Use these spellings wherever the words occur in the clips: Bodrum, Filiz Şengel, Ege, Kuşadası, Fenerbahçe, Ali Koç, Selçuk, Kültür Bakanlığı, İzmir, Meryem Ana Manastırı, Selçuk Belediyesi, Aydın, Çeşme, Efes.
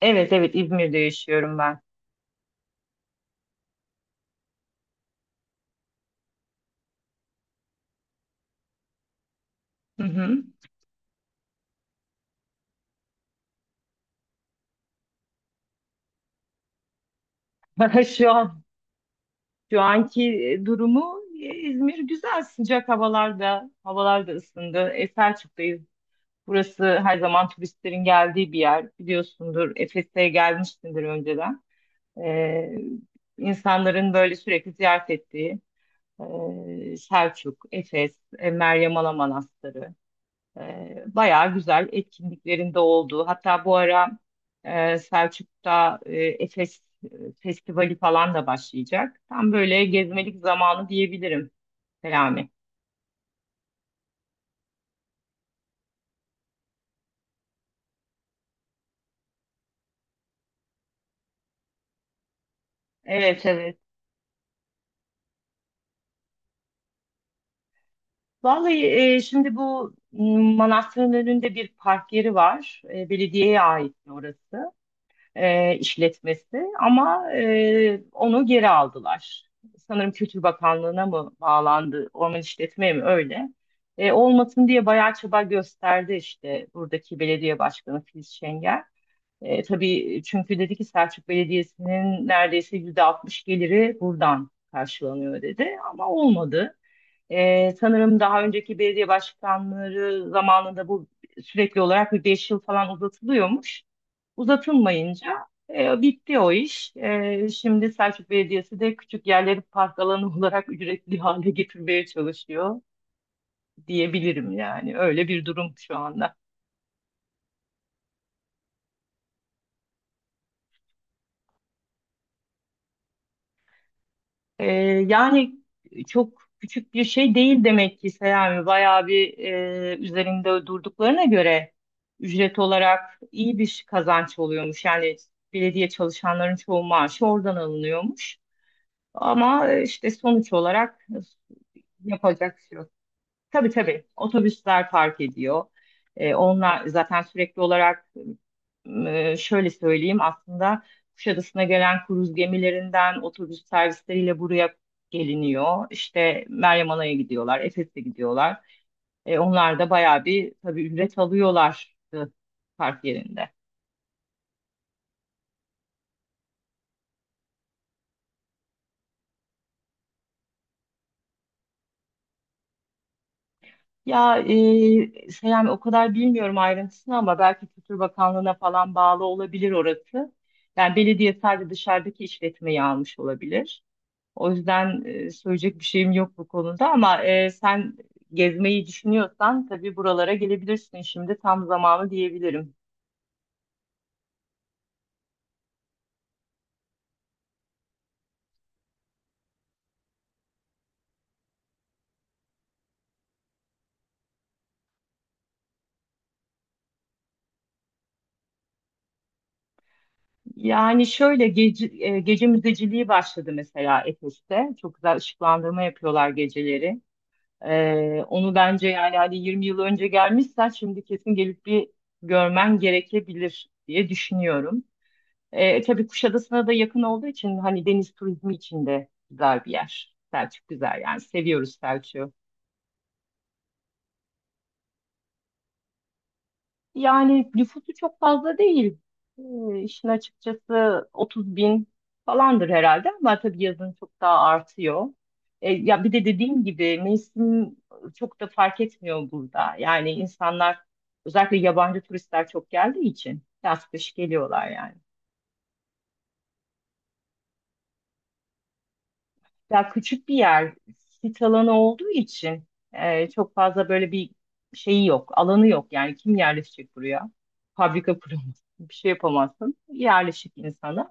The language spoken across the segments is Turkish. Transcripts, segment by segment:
Evet, evet, İzmir'de yaşıyorum ben. Hı hı. Şu an şu anki durumu, İzmir güzel, sıcak havalarda havalar da ısındı. Selçuk'tayız. Burası her zaman turistlerin geldiği bir yer, biliyorsundur. Efes'e gelmişsindir önceden. E, insanların böyle sürekli ziyaret ettiği Selçuk, Efes, Meryem Ana Manastırı. Bayağı güzel etkinliklerinde olduğu. Hatta bu ara Selçuk'ta Efes Festivali falan da başlayacak. Tam böyle gezmelik zamanı diyebilirim Selami. Evet, evet. Vallahi şimdi bu manastırın önünde bir park yeri var. Belediyeye ait orası, işletmesi, ama onu geri aldılar. Sanırım Kültür Bakanlığı'na mı bağlandı, orman işletmeye mi, öyle. Olmasın diye bayağı çaba gösterdi işte buradaki belediye başkanı Filiz Şengel. Tabii, çünkü dedi ki Selçuk Belediyesi'nin neredeyse %60 geliri buradan karşılanıyor dedi, ama olmadı. Sanırım daha önceki belediye başkanları zamanında bu sürekli olarak bir 5 yıl falan uzatılıyormuş. Uzatılmayınca bitti o iş. Şimdi Selçuk Belediyesi de küçük yerleri park alanı olarak ücretli hale getirmeye çalışıyor diyebilirim yani. Öyle bir durum şu anda. E, Yani çok küçük bir şey değil demek ki Selami. Bayağı bir, üzerinde durduklarına göre ücret olarak iyi bir kazanç oluyormuş. Yani belediye çalışanların çoğu maaşı oradan alınıyormuş. Ama işte sonuç olarak yapacak şey yok. Tabii, tabii. Otobüsler park ediyor. Onlar zaten sürekli olarak, şöyle söyleyeyim aslında, Kuşadası'na gelen kruz gemilerinden otobüs servisleriyle buraya geliniyor. İşte Meryem Ana'ya gidiyorlar, Efes'e gidiyorlar. Onlar da bayağı bir tabii ücret alıyorlar park yerinde. Ya Selami, o kadar bilmiyorum ayrıntısını ama belki Kültür Bakanlığı'na falan bağlı olabilir orası. Yani belediye sadece dışarıdaki işletmeyi almış olabilir. O yüzden söyleyecek bir şeyim yok bu konuda, ama sen gezmeyi düşünüyorsan tabii buralara gelebilirsin, şimdi tam zamanı diyebilirim. Yani şöyle gece müzeciliği başladı mesela Efes'te. Çok güzel ışıklandırma yapıyorlar geceleri. Onu bence, yani hani 20 yıl önce gelmişsen, şimdi kesin gelip bir görmen gerekebilir diye düşünüyorum. Tabii Kuşadası'na da yakın olduğu için hani deniz turizmi için de güzel bir yer. Selçuk güzel, yani seviyoruz Selçuk'u. Yani nüfusu çok fazla değil. İşin açıkçası 30 bin falandır herhalde, ama tabii yazın çok daha artıyor. Ya bir de dediğim gibi mevsim çok da fark etmiyor burada. Yani insanlar, özellikle yabancı turistler çok geldiği için, yaz kış geliyorlar yani. Ya küçük bir yer, sit alanı olduğu için çok fazla böyle bir şeyi yok, alanı yok. Yani kim yerleşecek buraya? Fabrika kuramazsın, bir şey yapamazsın. Yerleşik insanı.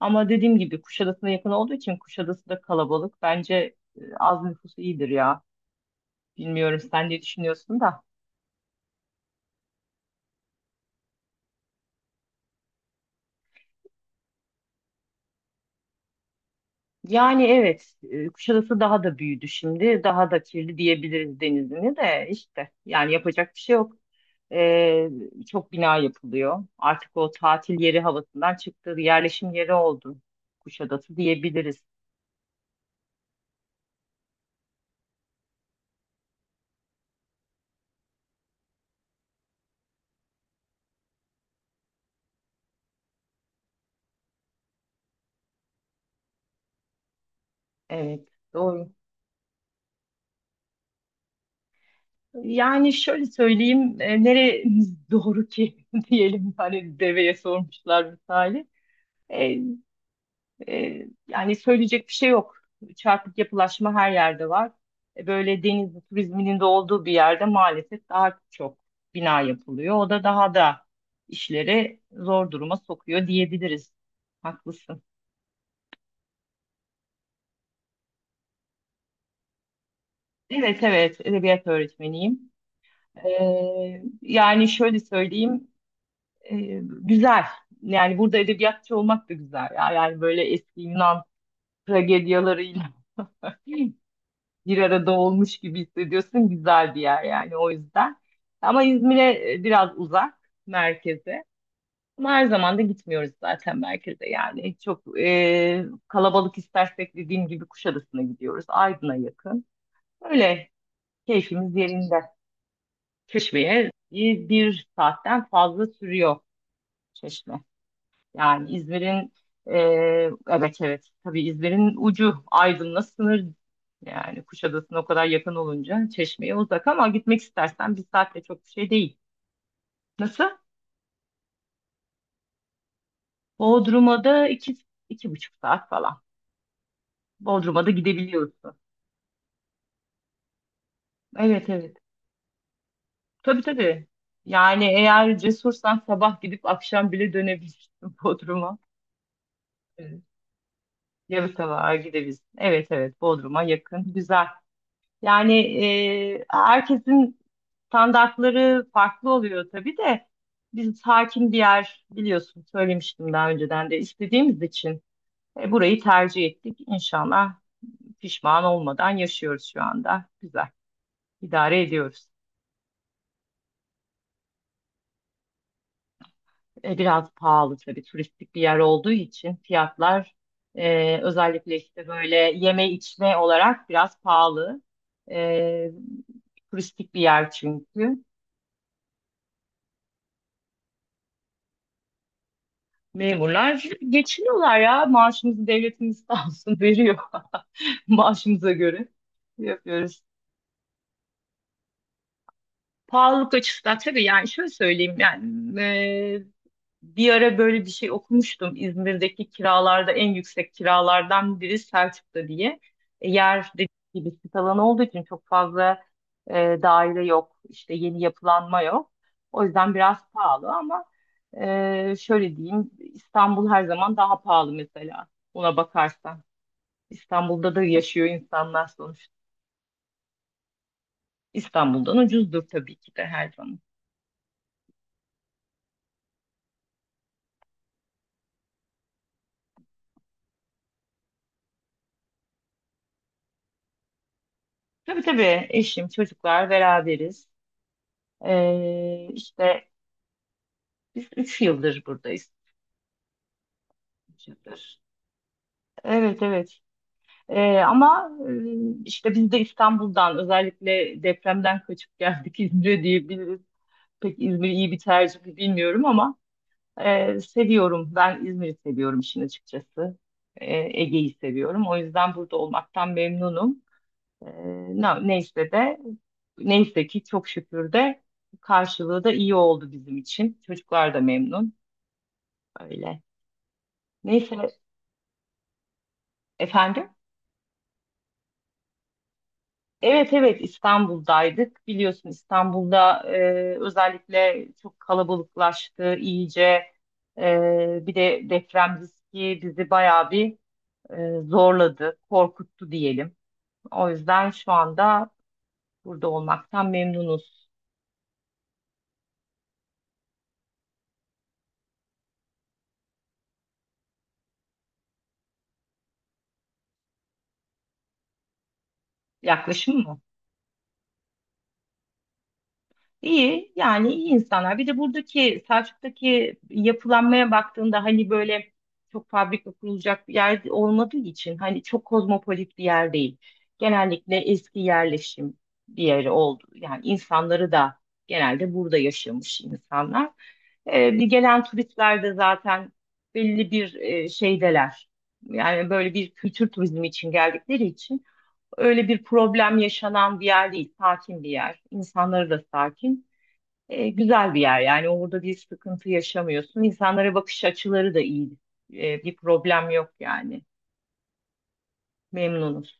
Ama dediğim gibi Kuşadası'na yakın olduğu için Kuşadası da kalabalık. Bence az nüfus iyidir ya. Bilmiyorum sen ne düşünüyorsun da. Yani evet, Kuşadası daha da büyüdü şimdi. Daha da kirli diyebiliriz denizini de işte. Yani yapacak bir şey yok. E, Çok bina yapılıyor. Artık o tatil yeri havasından çıktı. Yerleşim yeri oldu Kuşadası diyebiliriz. Evet, doğru. Yani şöyle söyleyeyim, neremiz doğru ki diyelim, hani deveye sormuşlar misali. E, Yani söyleyecek bir şey yok. Çarpık yapılaşma her yerde var. Böyle deniz turizminin de olduğu bir yerde maalesef daha çok bina yapılıyor. O da daha da işleri zor duruma sokuyor diyebiliriz. Haklısın. Evet, evet, edebiyat öğretmeniyim. E, Yani şöyle söyleyeyim. E, Güzel. Yani burada edebiyatçı olmak da güzel ya. Yani böyle eski Yunan tragedyalarıyla bir arada olmuş gibi hissediyorsun. Güzel bir yer yani, o yüzden. Ama İzmir'e biraz uzak merkeze. Ama her zaman da gitmiyoruz zaten merkeze yani. Çok kalabalık istersek dediğim gibi Kuşadası'na gidiyoruz. Aydın'a yakın. Öyle, keyfimiz yerinde. Çeşme'ye bir saatten fazla sürüyor Çeşme. Yani İzmir'in, e, evet evet tabii İzmir'in ucu Aydın'la sınır, yani Kuşadası'na o kadar yakın olunca Çeşme'ye uzak, ama gitmek istersen bir saatte çok bir şey değil. Nasıl? Bodrum'a da iki, 2,5 saat falan. Bodrum'a da gidebiliyorsun. Evet, evet. Tabii, tabii. Yani eğer cesursan sabah gidip akşam bile dönebilirsin Bodrum'a. Evet. Yarı sabaha gidebilirsin. Evet, evet, Bodrum'a yakın. Güzel. Yani herkesin standartları farklı oluyor tabii de, biz hakim bir yer, biliyorsun söylemiştim daha önceden de, istediğimiz için burayı tercih ettik. İnşallah pişman olmadan yaşıyoruz şu anda. Güzel idare ediyoruz. Biraz pahalı tabii, turistik bir yer olduğu için fiyatlar, özellikle işte böyle yeme içme olarak biraz pahalı. E, Turistik bir yer çünkü. Memurlar geçiniyorlar ya. Maaşımızı devletimiz sağ olsun veriyor. Maaşımıza göre yapıyoruz. Pahalılık açısından tabii, yani şöyle söyleyeyim yani. Bir ara böyle bir şey okumuştum. İzmir'deki kiralarda en yüksek kiralardan biri Selçuk'ta diye. Yer dediğim gibi sit alanı olduğu için çok fazla e, daire yok. İşte yeni yapılanma yok. O yüzden biraz pahalı ama şöyle diyeyim, İstanbul her zaman daha pahalı mesela. Buna bakarsan. İstanbul'da da yaşıyor insanlar sonuçta. İstanbul'dan ucuzdur tabii ki de her zaman. Tabii, tabii, eşim, çocuklar beraberiz. İşte 3 yıldır buradayız. 3 yıldır. Evet, evet. Ama işte biz de İstanbul'dan özellikle depremden kaçıp geldik İzmir'e diyebiliriz. Pek İzmir iyi bir tercih mi bilmiyorum ama seviyorum. Ben İzmir'i seviyorum işin açıkçası. E, Ege'yi seviyorum. O yüzden burada olmaktan memnunum. E, Neyse de neyse ki çok şükür de karşılığı da iyi oldu bizim için. Çocuklar da memnun. Öyle. Neyse, efendim. Evet, evet, İstanbul'daydık. Biliyorsun İstanbul'da özellikle çok kalabalıklaştı iyice. Bir de deprem riski bizi bayağı bir, zorladı, korkuttu diyelim. O yüzden şu anda burada olmaktan memnunuz. Yaklaşım mı? İyi, yani iyi insanlar. Bir de buradaki Selçuk'taki yapılanmaya baktığında, hani böyle çok fabrika kurulacak bir yer olmadığı için, hani çok kozmopolit bir yer değil. Genellikle eski yerleşim bir yeri oldu. Yani insanları da genelde burada yaşamış insanlar. Bir gelen turistler de zaten belli bir şeydeler. Yani böyle bir kültür turizmi için geldikleri için öyle bir problem yaşanan bir yer değil. Sakin bir yer. İnsanları da sakin. Güzel bir yer yani, orada bir sıkıntı yaşamıyorsun. İnsanlara bakış açıları da iyi. Bir problem yok yani. Memnunuz.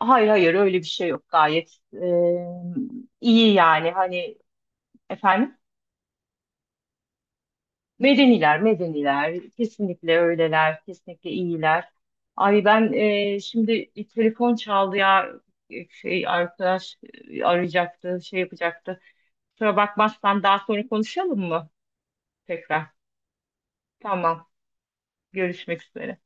Hayır, hayır, öyle bir şey yok. Gayet iyi, yani hani efendim, medeniler, medeniler, kesinlikle öyleler, kesinlikle iyiler. Ay ben, şimdi bir telefon çaldı ya. Şey arkadaş arayacaktı, şey yapacaktı. Kusura bakmazsan daha sonra konuşalım mı tekrar? Tamam, görüşmek üzere.